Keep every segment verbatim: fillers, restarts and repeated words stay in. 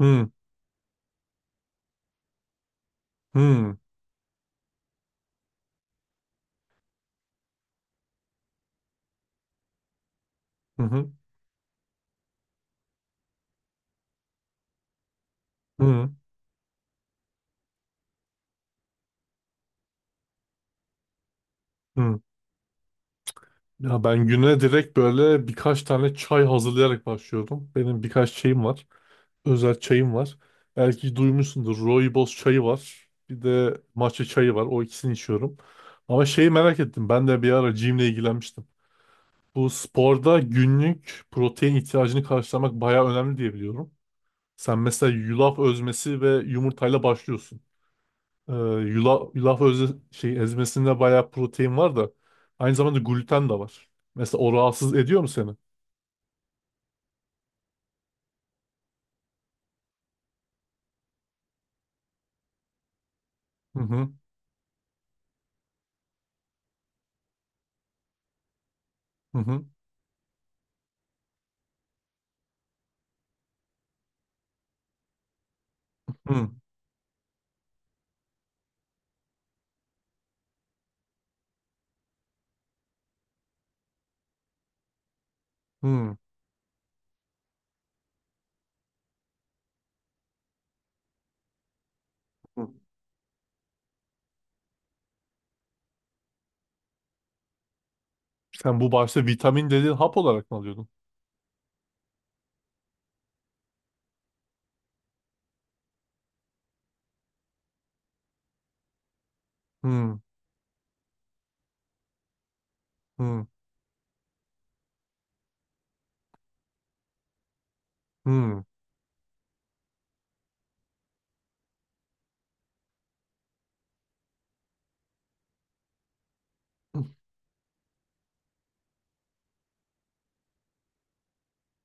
Hı hı hı hı hı. Hı. Ya ben güne direkt böyle birkaç tane çay hazırlayarak başlıyorum. Benim birkaç şeyim var. Özel çayım var. Belki duymuşsundur. Rooibos çayı var. Bir de matcha çayı var. O ikisini içiyorum. Ama şeyi merak ettim. Ben de bir ara gym'le ilgilenmiştim. Bu sporda günlük protein ihtiyacını karşılamak bayağı önemli diye biliyorum. Sen mesela yulaf özmesi ve yumurtayla başlıyorsun. Ee, yulaf, yulaf özü, şey, ezmesinde bayağı protein var da aynı zamanda gluten de var. Mesela o rahatsız ediyor mu seni? Hı hı hı hı hı hı. Hı. Sen bu başta vitamin dediğin hap olarak mı alıyordun? Hı hı hı.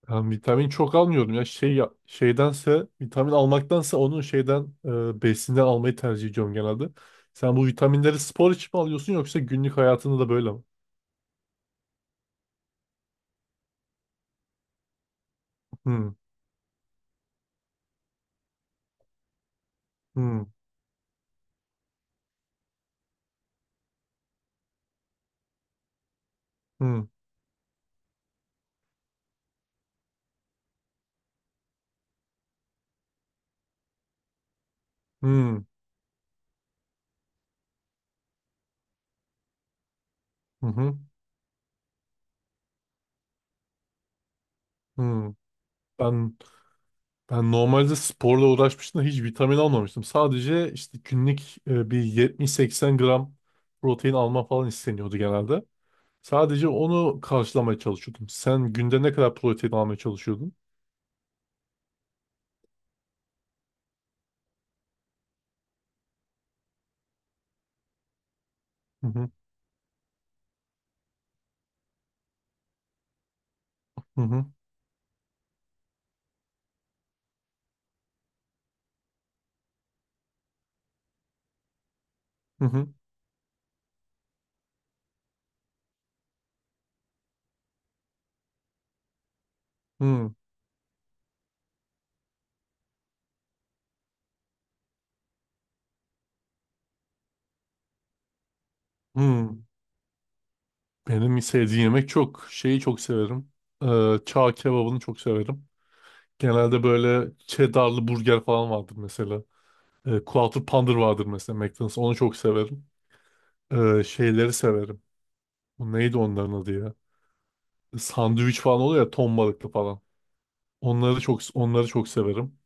Ben vitamin çok almıyorum ya şey ya- şeydense vitamin almaktansa onun şeyden e, besinden almayı tercih ediyorum genelde. Sen bu vitaminleri spor için mi alıyorsun yoksa günlük hayatında da böyle mi? Hı hı hı hı hı hı. Ben Ben normalde sporla uğraşmıştım da hiç vitamin almamıştım. Sadece işte günlük e, bir yetmiş seksen gram protein alma falan isteniyordu genelde. Sadece onu karşılamaya çalışıyordum. Sen günde ne kadar protein almaya çalışıyordun? Hı hı hı hı hı hı hı. Hı. Benim sevdiğim yemek çok. Şeyi çok severim. Ee, çağ kebabını çok severim. Genelde böyle cheddarlı burger falan vardır mesela. Ee, Quarter Pounder vardır mesela McDonald's. Onu çok severim. Ee, şeyleri severim. Bu neydi onların adı ya? Sandviç falan oluyor ya ton balıklı falan. Onları çok onları çok severim.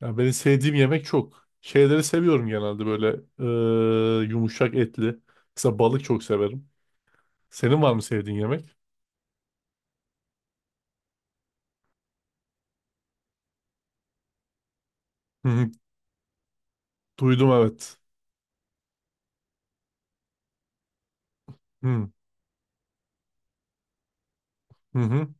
Yani benim sevdiğim yemek çok. Şeyleri seviyorum genelde böyle eee, yumuşak etli. Mesela balık çok severim. Senin var mı sevdiğin yemek? Hı hı, duydum evet. Hı hı. Hı.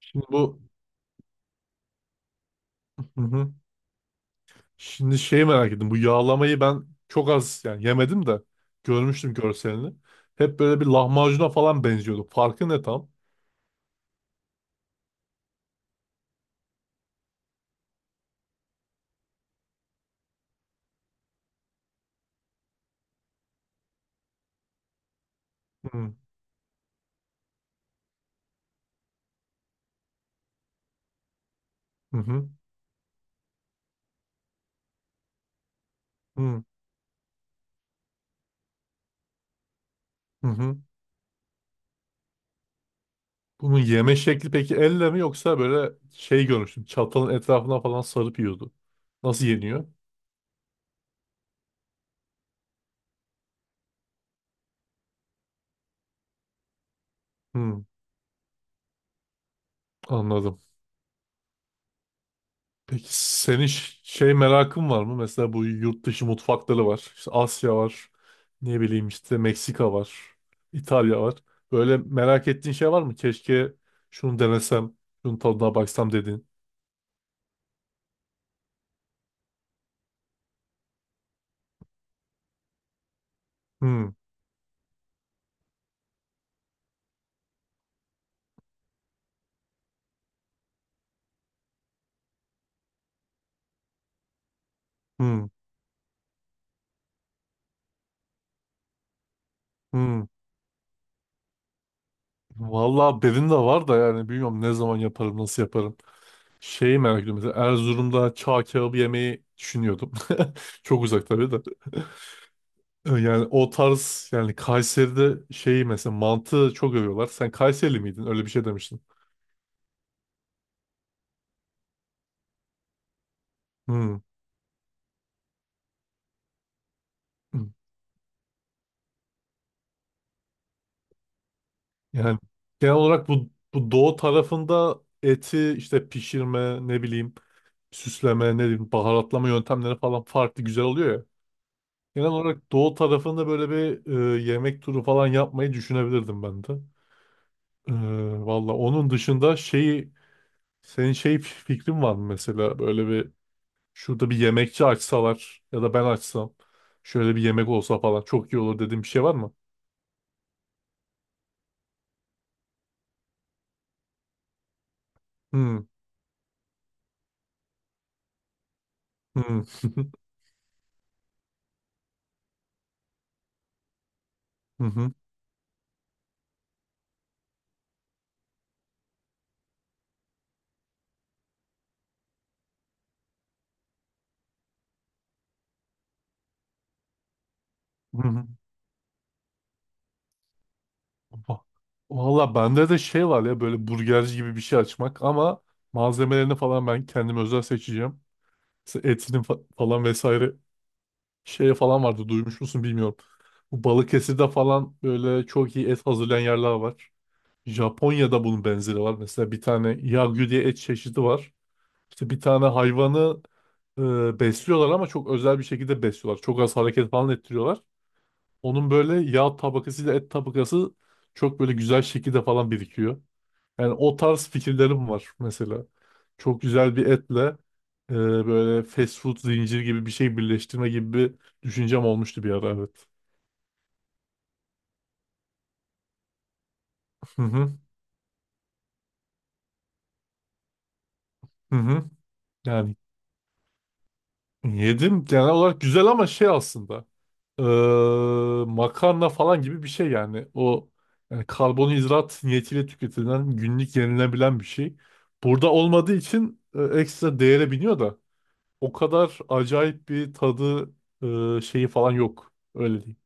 Şimdi bu hı hı. Şimdi şey merak ettim. Bu yağlamayı ben çok az yani yemedim de görmüştüm görselini. Hep böyle bir lahmacuna falan benziyordu. Farkı ne tam? Hı hı. Hı hı. Hı. Bunun yeme şekli peki elle mi yoksa böyle şey görmüştüm. Çatalın etrafına falan sarıp yiyordu. Nasıl yeniyor? Hmm, anladım. Peki senin ş- şey merakın var mı? Mesela bu yurt dışı mutfakları var. İşte Asya var. Ne bileyim işte Meksika var. İtalya var. Böyle merak ettiğin şey var mı? Keşke şunu denesem, şunun tadına baksam dediğin. Hmm, hmm, hmm. Vallahi benim de var da yani bilmiyorum ne zaman yaparım, nasıl yaparım. Şeyi merak ediyorum. Mesela Erzurum'da çağ kebabı yemeyi düşünüyordum. Çok uzak tabii de. Yani o tarz yani Kayseri'de şeyi mesela mantı çok övüyorlar. Sen Kayserili miydin? Öyle bir şey demiştin. Hmm. Hmm. Yani genel olarak bu, bu doğu tarafında eti işte pişirme ne bileyim süsleme ne bileyim baharatlama yöntemleri falan farklı güzel oluyor ya. Genel olarak doğu tarafında böyle bir e, yemek turu falan yapmayı düşünebilirdim ben de. E, valla onun dışında şeyi. Senin şey fikrin var mı mesela böyle bir şurada bir yemekçi açsalar ya da ben açsam şöyle bir yemek olsa falan çok iyi olur dediğin bir şey var mı? Hmm. Hmm. Hı hı. Hı hı. Va- Valla bende de şey var ya böyle burgerci gibi bir şey açmak ama malzemelerini falan ben kendim özel seçeceğim. Mesela etinin fa- falan vesaire şeye falan vardı duymuş musun bilmiyorum. Bu Balıkesir'de falan böyle çok iyi et hazırlayan yerler var. Japonya'da bunun benzeri var. Mesela bir tane Wagyu diye et çeşidi var. İşte bir tane hayvanı e, besliyorlar ama çok özel bir şekilde besliyorlar. Çok az hareket falan ettiriyorlar. Onun böyle yağ tabakasıyla et tabakası çok böyle güzel şekilde falan birikiyor. Yani o tarz fikirlerim var mesela. Çok güzel bir etle e, böyle fast food zincir gibi bir şey birleştirme gibi bir düşüncem olmuştu bir ara evet. Hı hı, hı hı. Yani yedim genel olarak güzel ama şey aslında eee, makarna falan gibi bir şey yani o yani karbonhidrat niyetiyle tüketilen günlük yenilebilen bir şey. Burada olmadığı için e, ekstra değere biniyor da o kadar acayip bir tadı e, şeyi falan yok öyle diyeyim.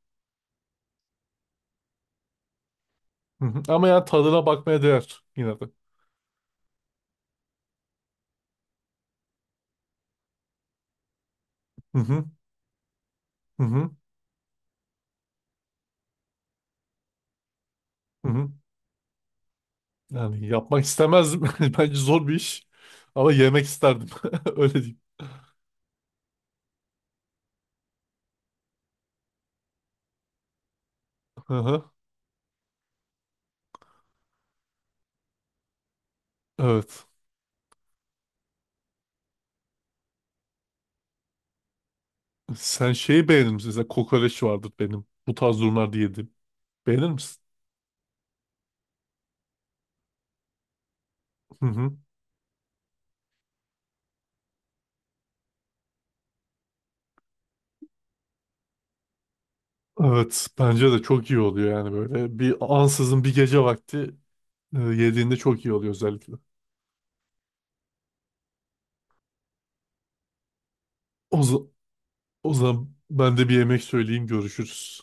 Hı hı. Ama yani tadına bakmaya değer yine de. Hı hı, hı hı, hı hı. Yani yapmak istemezdim bence zor bir iş ama yemek isterdim öyle diyeyim. Hı hı. Evet. Sen şeyi beğenir misin? Mesela kokoreç vardır benim. Bu tarz durumlarda yedim. Beğenir misin? Hı hı. Evet, bence de çok iyi oluyor yani böyle. Bir ansızın bir gece vakti e, yediğinde çok iyi oluyor özellikle. O, za- o zaman ben de bir yemek söyleyeyim, görüşürüz.